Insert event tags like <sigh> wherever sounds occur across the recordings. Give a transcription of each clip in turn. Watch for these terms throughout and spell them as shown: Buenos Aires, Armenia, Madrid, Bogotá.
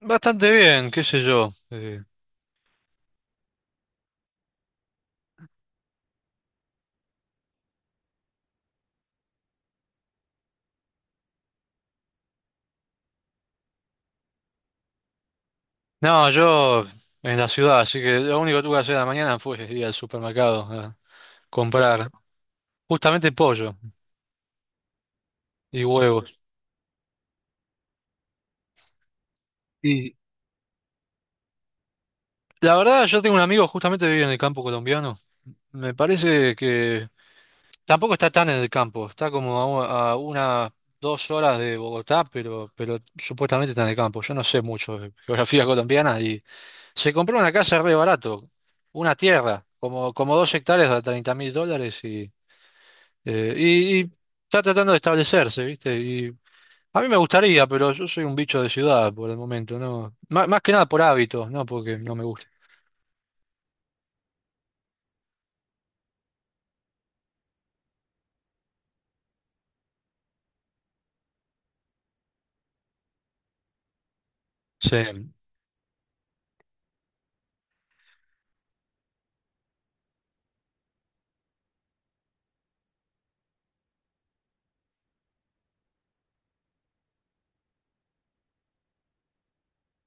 Bastante bien, qué sé yo. No, yo en la ciudad, así que lo único que tuve que hacer en la mañana fue ir al supermercado a comprar justamente pollo y huevos. Y la verdad, yo tengo un amigo justamente que vive en el campo colombiano. Me parece que tampoco está tan en el campo, está como a unas 2 horas de Bogotá, pero supuestamente está en el campo. Yo no sé mucho de geografía colombiana y se compró una casa re barato, una tierra, como 2 hectáreas a 30.000 dólares y... Y está tratando de establecerse, ¿viste? Y a mí me gustaría, pero yo soy un bicho de ciudad por el momento, ¿no? Más que nada por hábitos, ¿no? Porque no me gusta. Sí.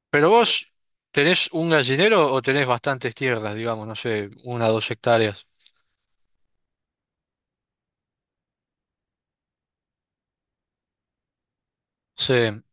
Pero vos, ¿tenés un gallinero o tenés bastantes tierras, digamos, no sé, una o dos hectáreas? Sí.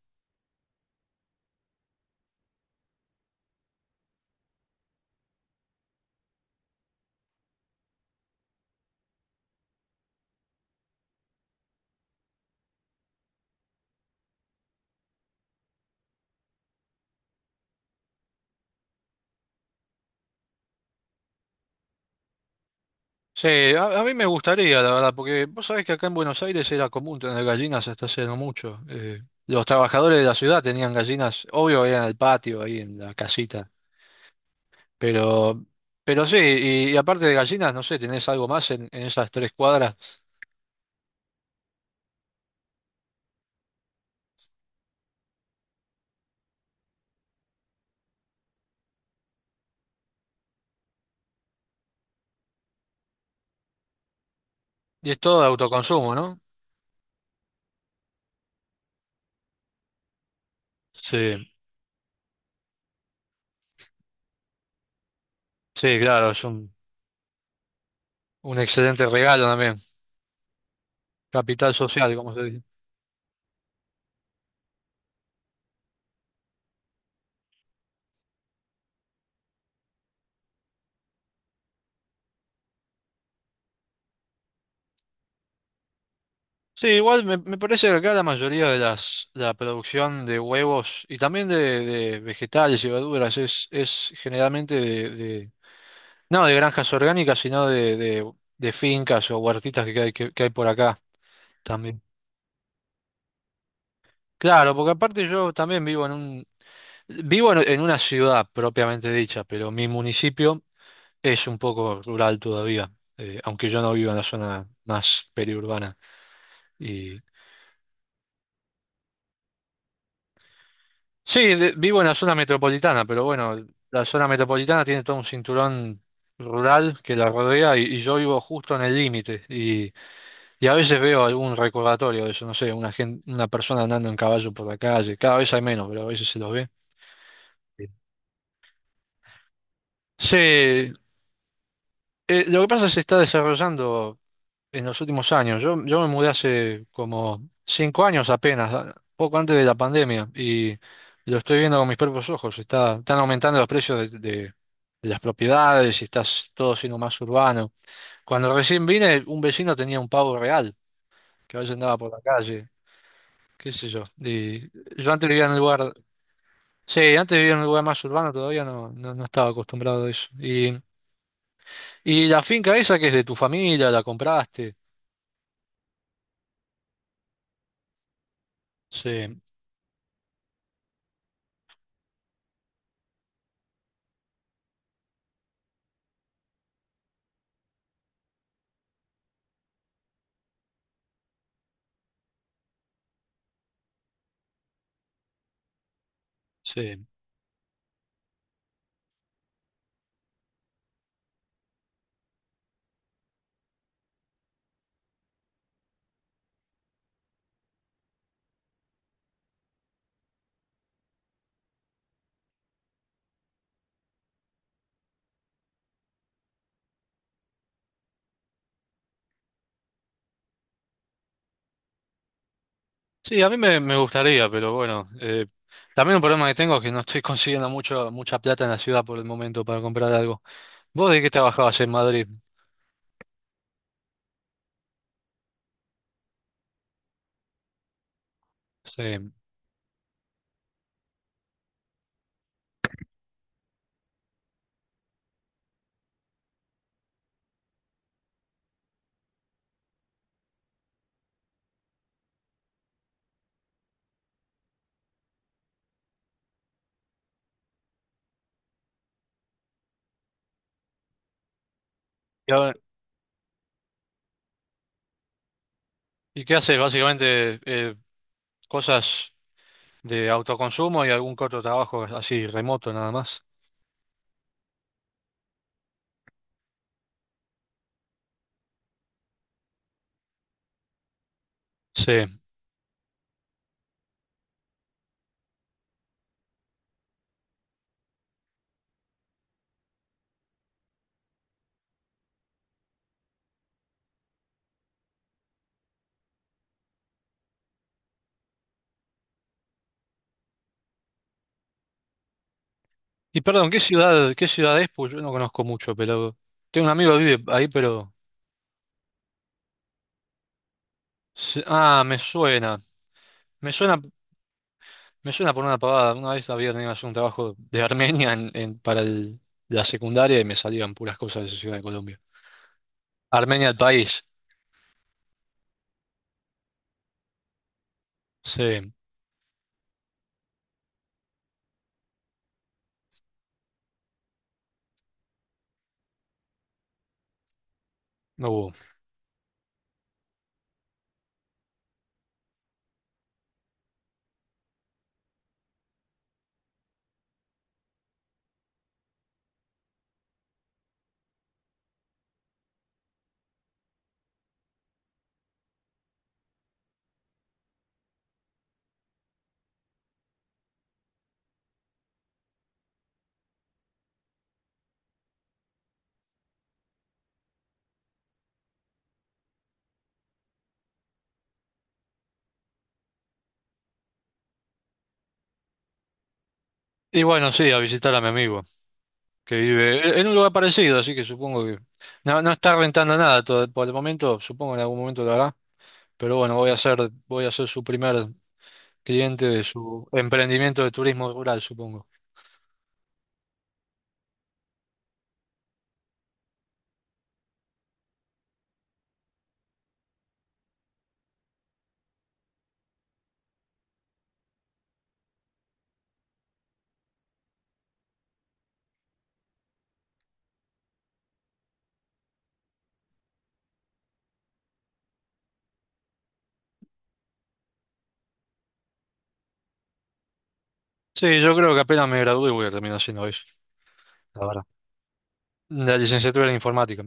Sí, a mí me, gustaría, la verdad, porque vos sabés que acá en Buenos Aires era común tener gallinas hasta hace no mucho. Los trabajadores de la ciudad tenían gallinas, obvio, eran en el patio, ahí en la casita. Pero, pero sí, y aparte de gallinas, no sé, tenés algo más en, esas 3 cuadras. Y es todo de autoconsumo, ¿no? Sí, sí, claro, es un excelente regalo también. Capital social, como se dice. Sí, igual me parece que acá la mayoría de la producción de huevos y también de vegetales y verduras es generalmente no de granjas orgánicas, sino de fincas o huertitas que hay por acá también. Claro, porque aparte yo también vivo en una ciudad propiamente dicha, pero mi municipio es un poco rural todavía, aunque yo no vivo en la zona más periurbana. Y sí, vivo en la zona metropolitana, pero bueno, la zona metropolitana tiene todo un cinturón rural que la rodea y yo vivo justo en el límite. Y a veces veo algún recordatorio de eso, no sé, una persona andando en caballo por la calle. Cada vez hay menos, pero a veces se los ve. Sí, lo que pasa es que se está desarrollando en los últimos años. Yo me mudé hace como 5 años apenas, poco antes de la pandemia, y lo estoy viendo con mis propios ojos. Está, están aumentando los precios de las propiedades y está todo siendo más urbano. Cuando recién vine, un vecino tenía un pavo real, que a veces andaba por la calle, qué sé yo. Y yo antes vivía en un lugar, sí, antes vivía en un lugar más urbano, todavía no estaba acostumbrado a eso. Y la finca esa que es de tu familia, la compraste. Sí, sí. Sí, a mí me gustaría, pero bueno, también un problema que tengo es que no estoy <laughs> consiguiendo mucha plata en la ciudad por el momento para comprar algo. ¿Vos de qué trabajabas en Madrid? Sí. ¿Y, ahora- y qué haces? Básicamente cosas de autoconsumo y algún corto trabajo así remoto nada más. Sí. Y perdón, ¿qué ciudad es? Pues yo no conozco mucho, pero tengo un amigo que vive ahí, pero... Ah, me suena. Me suena, Me suena. Por una pavada. Una vez había tenido que hacer un trabajo de Armenia para la secundaria y me salían puras cosas de esa ciudad de Colombia. Armenia, el país. Sí, no hubo. Y bueno, sí, a visitar a mi amigo, que vive en un lugar parecido, así que supongo que no está rentando nada por el momento, supongo que en algún momento lo hará, pero bueno, voy a ser su primer cliente de su emprendimiento de turismo rural, supongo. Sí, yo creo que apenas me gradué voy a terminar haciendo eso, la verdad. La licenciatura en informática.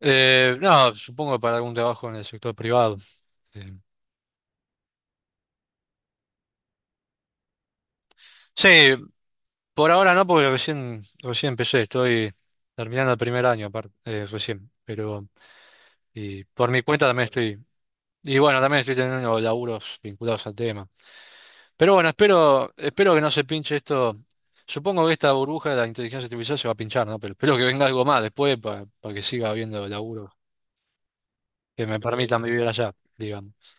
No, supongo que para algún trabajo en el sector privado. Eh, sí, por ahora no, porque recién empecé, estoy terminando el primer año aparte, recién, pero y por mi cuenta también estoy, y bueno, también estoy teniendo laburos vinculados al tema. Pero bueno, espero que no se pinche esto. Supongo que esta burbuja de la inteligencia artificial se va a pinchar, ¿no? Pero espero que venga algo más después para que siga habiendo laburos que me permitan vivir allá, digamos.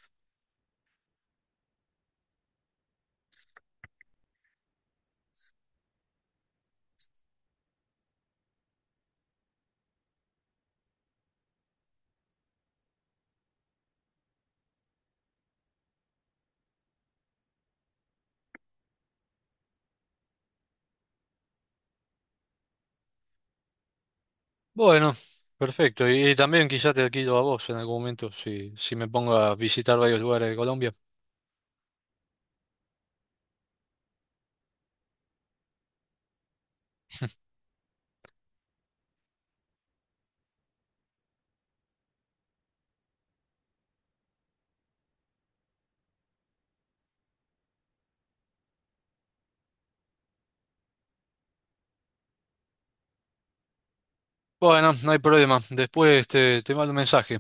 Bueno, perfecto. Y también quizá te quito a vos en algún momento si me pongo a visitar varios lugares de Colombia. Bueno, no hay problema. Después te mando un mensaje.